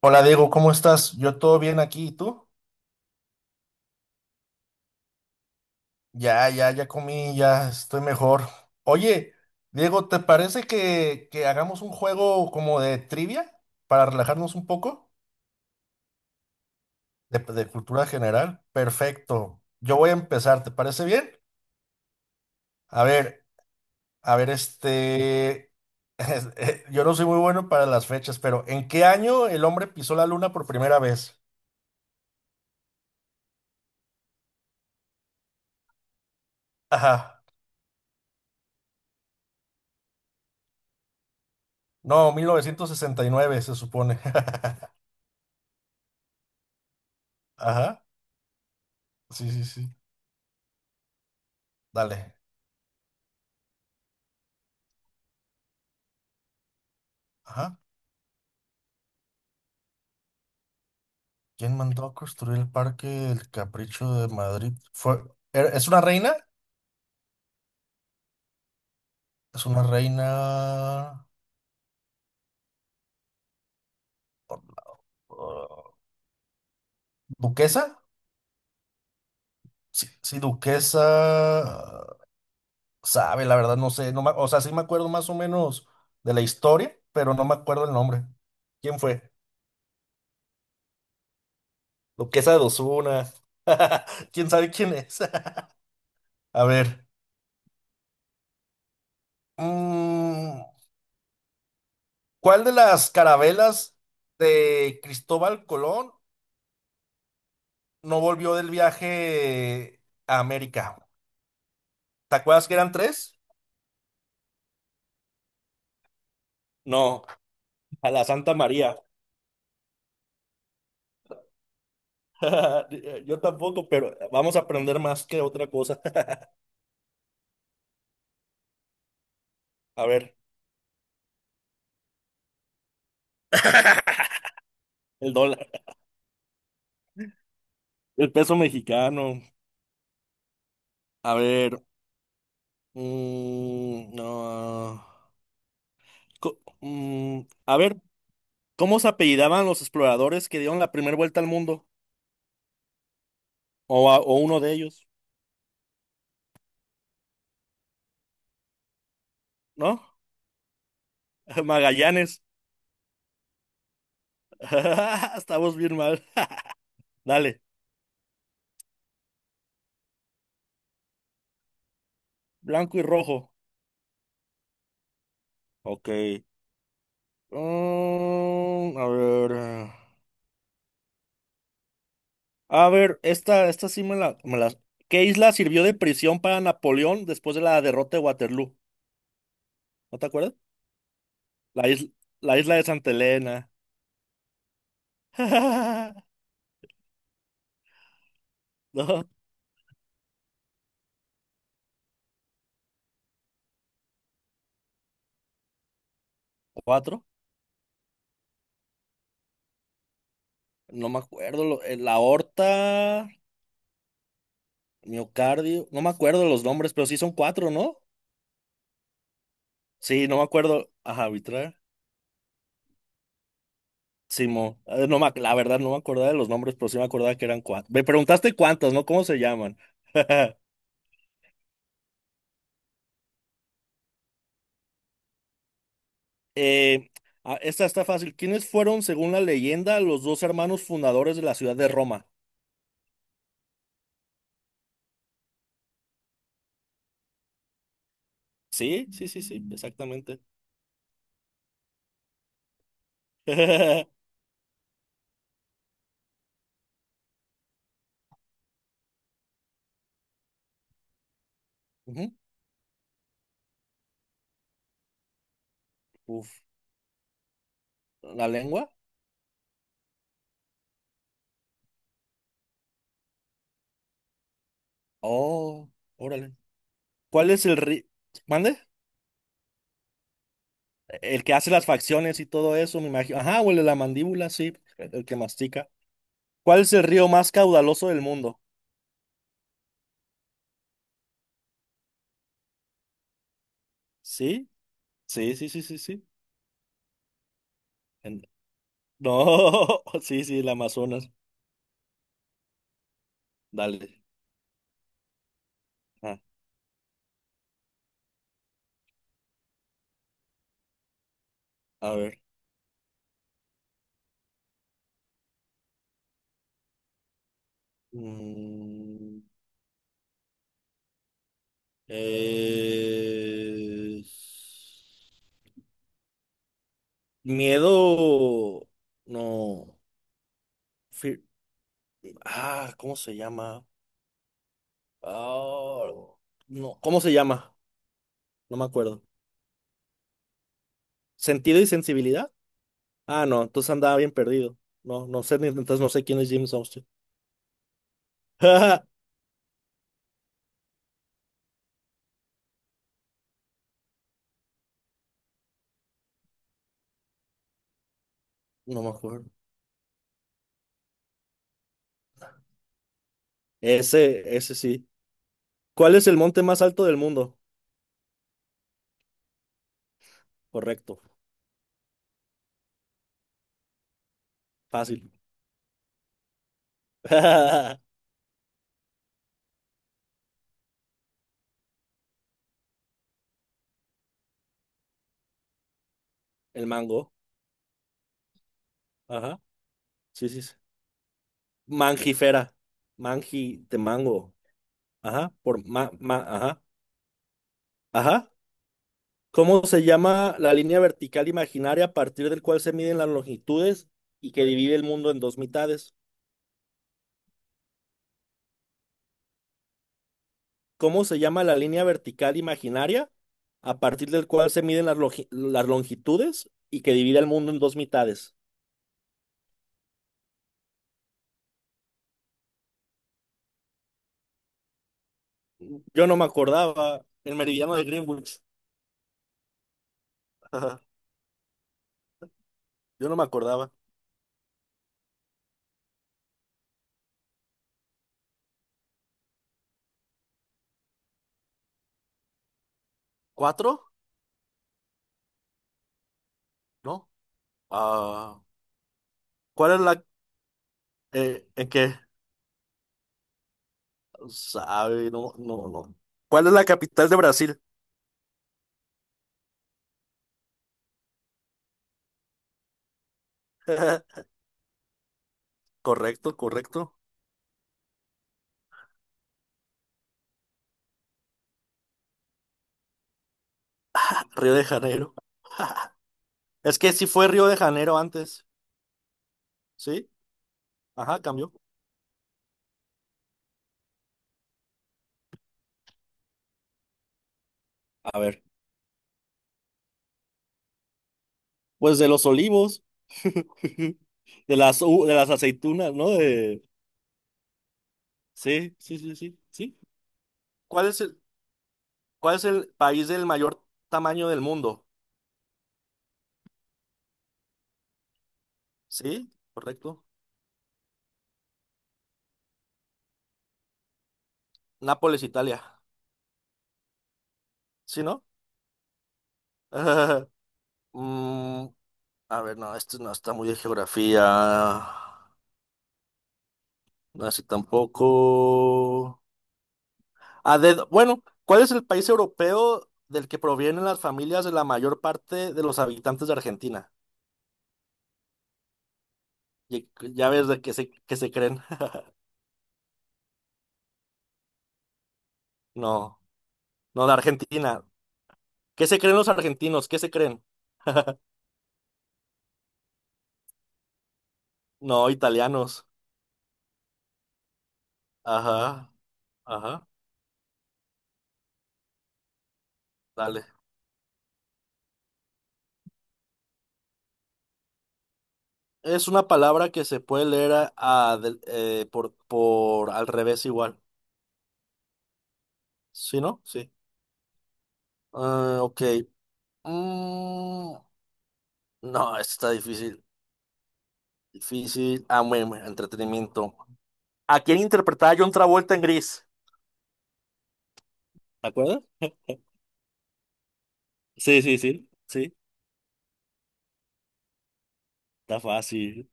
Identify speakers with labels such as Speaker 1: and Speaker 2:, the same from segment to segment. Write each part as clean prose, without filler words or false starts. Speaker 1: Hola Diego, ¿cómo estás? Yo todo bien aquí, ¿y tú? Ya, ya, ya comí, ya estoy mejor. Oye, Diego, ¿te parece que hagamos un juego como de trivia para relajarnos un poco? De cultura general. Perfecto. Yo voy a empezar, ¿te parece bien? A ver, a ver, es- Yo no soy muy bueno para las fechas, pero ¿en qué año el hombre pisó la luna por primera vez? Ajá. No, 1969 se supone. Ajá. Sí, sí, sí. Dale. Ajá. ¿Quién mandó a construir el parque del Capricho de Madrid? ¿Es una reina? ¿Es una reina uh, duquesa? Sí, sí, duquesa. uh, Sabe, la verdad, no sé. No me- O sea, sí me acuerdo más o menos de la historia, pero no me acuerdo el nombre. ¿Quién fue? Duquesa de Osuna. ¿Quién sabe quién es? A ver. mm, ¿Cuál de las carabelas de Cristóbal Colón no volvió del viaje a América? ¿Te acuerdas que eran tres? No, a la Santa María. Yo tampoco, pero vamos a aprender más que otra cosa. A ver, el dólar, el peso mexicano. A ver, no, co- mm, a ver, ¿cómo se apellidaban los exploradores que dieron la primera vuelta al mundo? O uno de ellos, ¿no? Magallanes. Estamos bien mal. Dale, blanco y rojo. Ok. A ver. A ver, esta sí me la. ¿Qué isla sirvió de prisión para Napoleón después de la derrota de Waterloo? ¿No te acuerdas? La isla, la isla de Santa Elena. ¿No? ¿Cuatro? No me acuerdo. La aorta, miocardio. No me acuerdo los nombres, pero sí son cuatro, ¿no? Sí, no me acuerdo. Ajá, arbitrar. Simo. No me ac- La verdad, no me acordaba de los nombres, pero sí me acordaba que eran cuatro. Me preguntaste cuántas, ¿no? ¿Cómo se llaman? Eh, ah, esta está fácil. ¿Quiénes fueron, según la leyenda, los dos hermanos fundadores de la ciudad de Roma? Sí, sí, sí, sí, exactamente. Ujú. Uf, ¿la lengua? Oh, órale. ¿Cuál es el ri... ¿Mande? El que hace las facciones y todo eso, me imagino. Ajá, huele la mandíbula, sí, el que mastica. ¿Cuál es el río más caudaloso del mundo? Sí, sí, sí, sí, sí, sí. En, no, sí, sí, el Amazonas. Dale. Ah, a ver. Mm. Eh, Miedo, no. Fear- ah, ¿cómo se llama? Ah, no, ¿cómo se llama? No me acuerdo. ¿Sentido y sensibilidad? Ah, no, entonces andaba bien perdido. No, no sé, entonces no sé quién es James Armstrong. No me acuerdo. Ese sí. ¿Cuál es el monte más alto del mundo? Correcto, fácil. El mango. Ajá, sí, sí, sí. Mangifera. Mangi de mango. Ajá, ajá, ajá. ¿Cómo se llama la línea vertical imaginaria a partir del cual se miden las longitudes y que divide el mundo en dos mitades? ¿Cómo se llama la línea vertical imaginaria a partir del cual se miden las longitudes y que divide el mundo en dos mitades? Yo no me acordaba. El meridiano de Greenwich. Ajá, yo no me acordaba. ¿Cuatro? ¿No? Ah, ¿cuál es la... ¿en qué? Sabe, no, no, no. ¿Cuál es la capital de Brasil? Correcto, correcto. Río de Janeiro. Es que sí fue Río de Janeiro antes, ¿sí? Ajá, cambió. A ver, pues de los olivos, de las aceitunas, ¿no? De... Sí, sí, sí, sí, sí. ¿Cuál es el, cuál es el país del mayor tamaño del mundo? ¿Sí? Correcto. Nápoles, Italia. ¿Sí, no? Mm, a ver, no, esto no está muy de geografía. No, así tampoco. A dedo. Bueno, ¿cuál es el país europeo del que provienen las familias de la mayor parte de los habitantes de Argentina? Y- Ya ves de qué qué se creen. No, no, de Argentina. ¿Qué se creen los argentinos? ¿Qué se creen? No, italianos. Ajá, ajá, dale. Es una palabra que se puede leer por al revés igual. ¿Sí, no? Sí. Ah, ok. Mm, no, esto está difícil. Difícil. Ah, bueno, entretenimiento. ¿A quién interpretaba John Travolta en Gris? ¿Te acuerdas? Sí, sí, sí, sí, está fácil.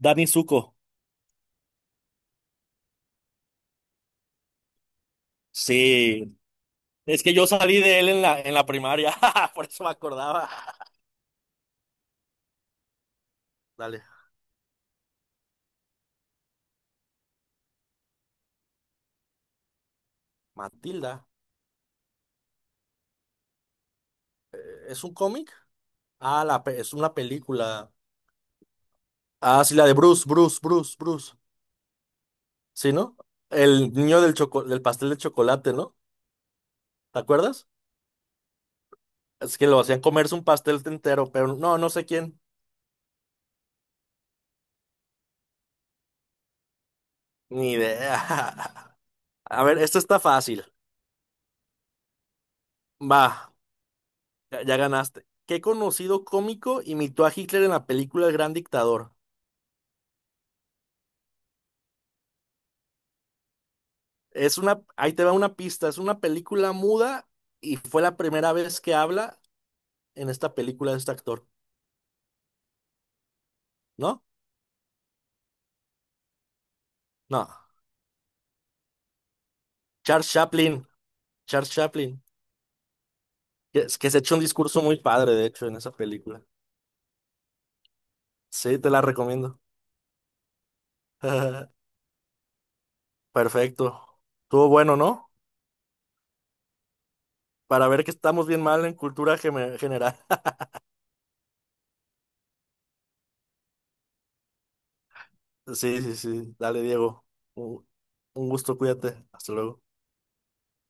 Speaker 1: Danny Zuko, sí. Es que yo salí de él en la primaria, por eso me acordaba. Dale. Matilda. ¿Es un cómic? Ah, es una película. Ah, sí, la de Bruce, Bruce, Bruce, Bruce. ¿Sí, no? El niño del pastel de chocolate, ¿no? ¿Te acuerdas? Es que lo hacían comerse un pastel entero, pero no, no sé quién. Ni idea. A ver, esto está fácil. Va. Ya, ya ganaste. ¿Qué conocido cómico imitó a Hitler en la película El Gran Dictador? Es una, ahí te va una pista, es una película muda y fue la primera vez que habla en esta película de este actor, ¿no? No, Charles Chaplin, Charles Chaplin, que se echó un discurso muy padre, de hecho, en esa película. Sí, te la recomiendo. Perfecto. Estuvo bueno, ¿no? Para ver que estamos bien mal en cultura general. Sí, sí, sí. Dale, Diego. un un gusto, cuídate. Hasta luego.